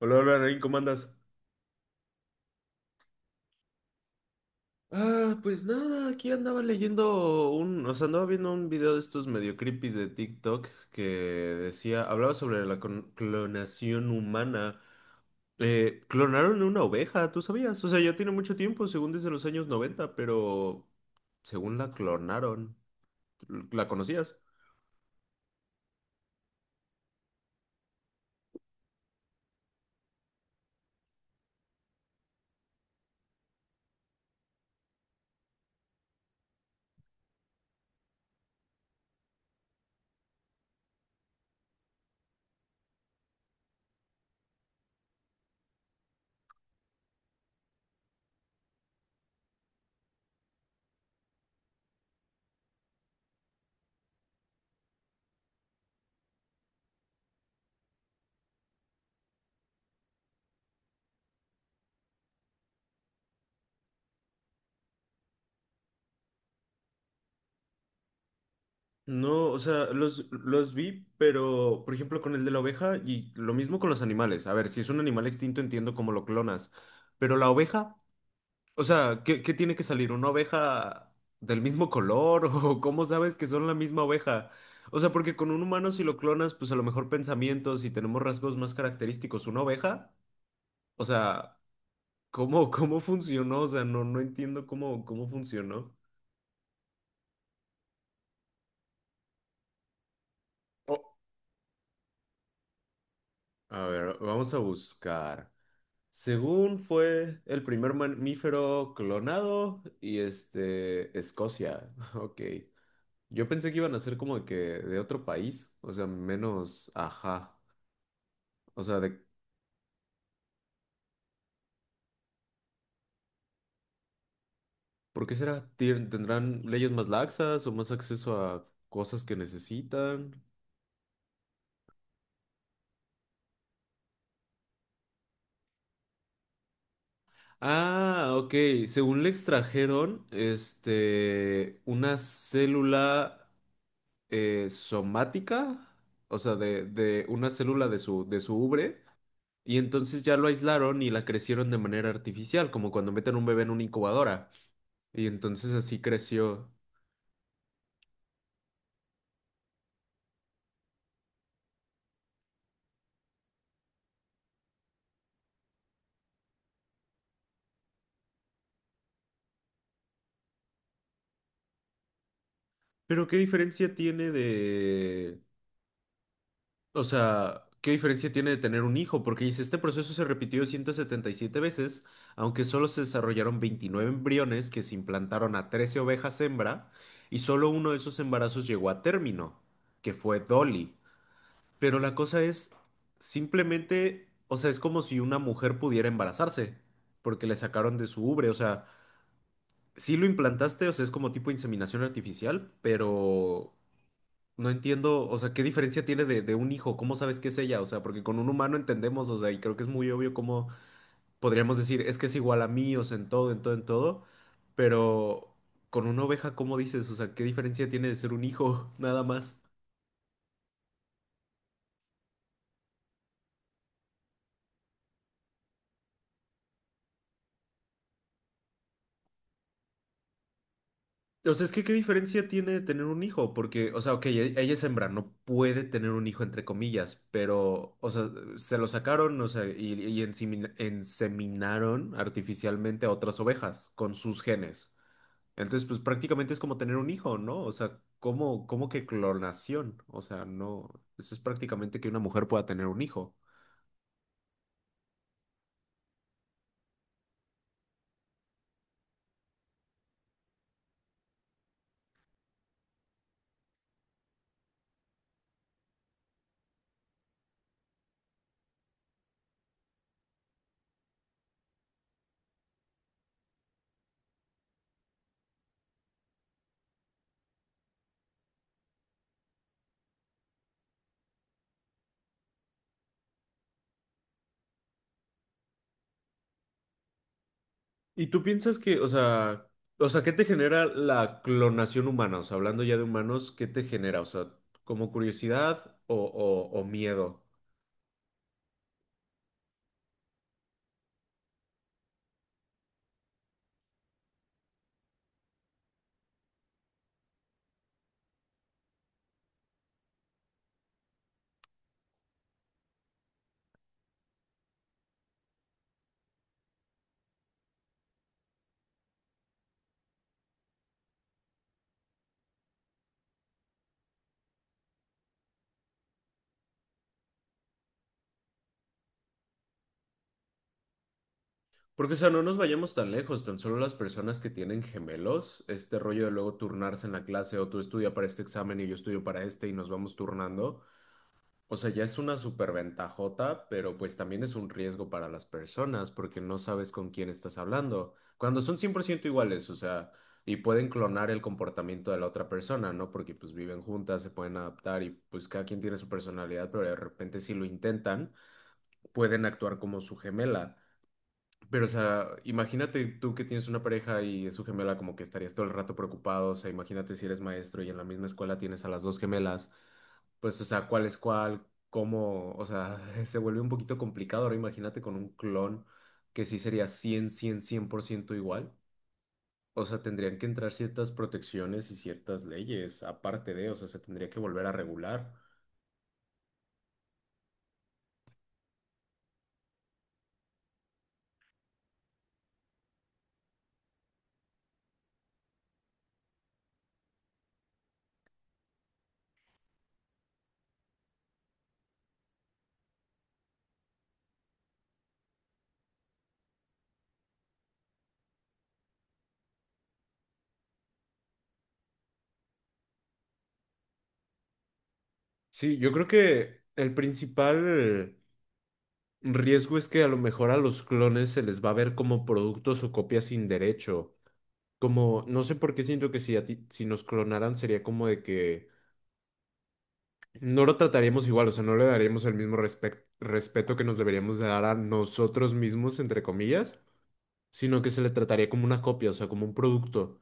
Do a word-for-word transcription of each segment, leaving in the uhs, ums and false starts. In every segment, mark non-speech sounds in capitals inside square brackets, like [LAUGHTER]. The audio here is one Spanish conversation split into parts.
Hola, hola, Nain, ¿cómo andas? Ah, pues nada, aquí andaba leyendo un, o sea, andaba viendo un video de estos medio creepies de TikTok que decía, hablaba sobre la con- clonación humana. Eh, clonaron una oveja, ¿tú sabías? O sea, ya tiene mucho tiempo, según desde los años noventa, pero según la clonaron, ¿la conocías? No, o sea, los, los vi, pero por ejemplo con el de la oveja y lo mismo con los animales. A ver, si es un animal extinto entiendo cómo lo clonas, pero la oveja. O sea, ¿qué, qué tiene que salir? ¿Una oveja del mismo color? [LAUGHS] ¿O cómo sabes que son la misma oveja? O sea, porque con un humano si lo clonas, pues a lo mejor pensamientos y tenemos rasgos más característicos. ¿Una oveja? O sea, ¿cómo, cómo funcionó? O sea, no, no entiendo cómo, cómo funcionó. O- A ver, vamos a buscar. Según fue el primer mamífero clonado y este, Escocia. [LAUGHS] Ok. Yo pensé que iban a ser como de que de otro país, o sea, menos, ajá, o sea, de, ¿por qué será? ¿Tien- ¿Tendrán leyes más laxas o más acceso a cosas que necesitan? Ah, ok, según le extrajeron, este, una célula eh, somática, o sea, de, de una célula de su, de su ubre, y entonces ya lo aislaron y la crecieron de manera artificial, como cuando meten un bebé en una incubadora, y entonces así creció. Pero ¿qué diferencia tiene de? O sea, ¿qué diferencia tiene de tener un hijo? Porque dice, este proceso se repitió ciento setenta y siete veces, aunque solo se desarrollaron veintinueve embriones que se implantaron a trece ovejas hembra, y solo uno de esos embarazos llegó a término, que fue Dolly. Pero la cosa es, simplemente, o sea, es como si una mujer pudiera embarazarse, porque le sacaron de su ubre, o sea, sí lo implantaste, o sea, es como tipo inseminación artificial, pero. No entiendo, o sea, ¿qué diferencia tiene de, de un hijo? ¿Cómo sabes que es ella? O sea, porque con un humano entendemos, o sea, y creo que es muy obvio cómo podríamos decir, es que es igual a mí, o sea, en todo, en todo, en todo, pero con una oveja, ¿cómo dices? O sea, ¿qué diferencia tiene de ser un hijo? [LAUGHS] Nada más. O sea, es que ¿qué diferencia tiene de tener un hijo? Porque, o sea, ok, e- ella es hembra, no puede tener un hijo, entre comillas, pero, o sea, se lo sacaron, o sea, y, y ensemin- enseminaron artificialmente a otras ovejas con sus genes. Entonces, pues prácticamente es como tener un hijo, ¿no? O sea, ¿cómo, cómo que clonación? O sea, no, eso es prácticamente que una mujer pueda tener un hijo. ¿Y tú piensas que, o sea, o sea, qué te genera la clonación humana? O sea, hablando ya de humanos, ¿qué te genera? O sea, ¿como curiosidad o, o, o miedo? Porque, o sea, no nos vayamos tan lejos, tan solo las personas que tienen gemelos, este rollo de luego turnarse en la clase o tú estudia para este examen y yo estudio para este y nos vamos turnando. O sea, ya es una superventajota, pero pues también es un riesgo para las personas porque no sabes con quién estás hablando. Cuando son cien por ciento iguales, o sea, y pueden clonar el comportamiento de la otra persona, ¿no? Porque pues viven juntas, se pueden adaptar y pues cada quien tiene su personalidad, pero de repente si lo intentan, pueden actuar como su gemela. Pero, o sea, imagínate tú que tienes una pareja y es su gemela, como que estarías todo el rato preocupado. O sea, imagínate si eres maestro y en la misma escuela tienes a las dos gemelas. Pues, o sea, ¿cuál es cuál? ¿Cómo? O sea, [LAUGHS] se vuelve un poquito complicado. Ahora imagínate con un clon que sí sería cien cien cien por ciento igual. O sea, tendrían que entrar ciertas protecciones y ciertas leyes, aparte de, o sea, se tendría que volver a regular. Sí, yo creo que el principal riesgo es que a lo mejor a los clones se les va a ver como productos o copias sin derecho. Como, no sé por qué siento que si, a ti- si nos clonaran sería como de que no lo trataríamos igual, o sea, no le daríamos el mismo respec- respeto que nos deberíamos de dar a nosotros mismos, entre comillas, sino que se le trataría como una copia, o sea, como un producto.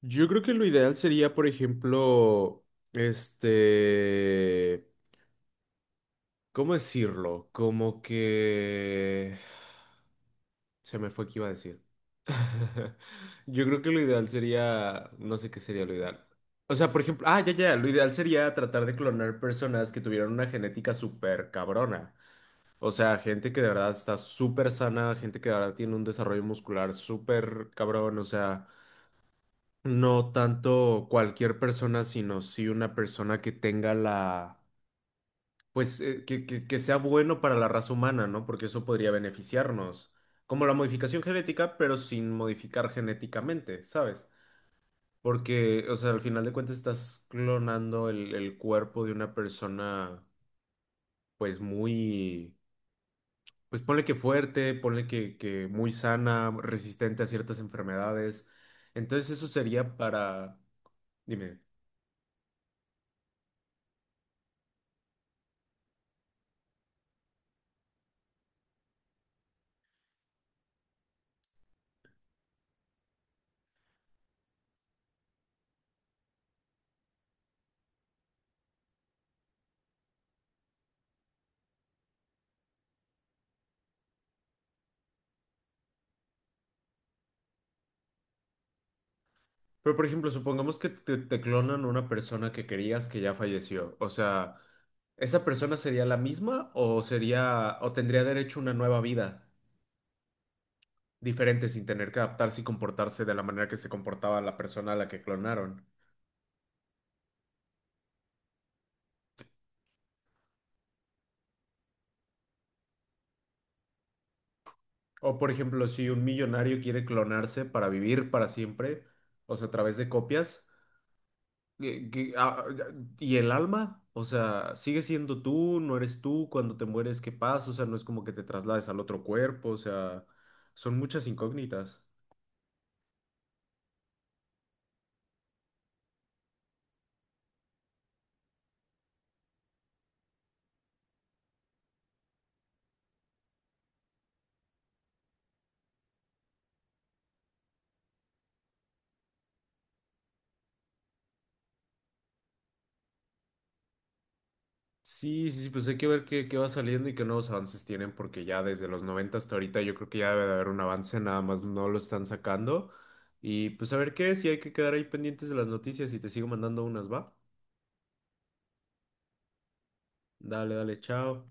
Yo creo que lo ideal sería, por ejemplo, este. ¿Cómo decirlo? Como que. Se me fue que iba a decir. [LAUGHS] Yo creo que lo ideal sería, no sé qué sería lo ideal. O sea, por ejemplo, ah, ya, ya, lo ideal sería tratar de clonar personas que tuvieran una genética súper cabrona. O sea, gente que de verdad está súper sana, gente que de verdad tiene un desarrollo muscular súper cabrón. O sea, no tanto cualquier persona, sino sí una persona que tenga la pues eh, que, que- que sea bueno para la raza humana, ¿no? Porque eso podría beneficiarnos, como la modificación genética, pero sin modificar genéticamente, ¿sabes? Porque, o sea, al final de cuentas estás clonando el, el cuerpo de una persona, pues muy, pues ponle que fuerte, ponle que, que muy sana, resistente a ciertas enfermedades. Entonces eso sería para, dime, pero por ejemplo, supongamos que te, te clonan una persona que querías que ya falleció, o sea. ¿Esa persona sería la misma o sería o tendría derecho a una nueva vida diferente sin tener que adaptarse y comportarse de la manera que se comportaba la persona a la que clonaron? O por ejemplo, si un millonario quiere clonarse para vivir para siempre, o sea, a través de copias, ¿qué- qué- ah, ah, ¿y el alma? O sea, ¿sigue siendo tú? ¿No eres tú? Cuando te mueres, ¿qué pasa? O sea, no es como que te traslades al otro cuerpo, o sea, son muchas incógnitas. Sí, sí, sí, pues hay que ver qué, qué va saliendo y qué nuevos avances tienen, porque ya desde los noventa hasta ahorita yo creo que ya debe de haber un avance, nada más no lo están sacando. Y pues a ver qué, si hay que quedar ahí pendientes de las noticias y te sigo mandando unas, ¿va? Dale, dale, chao.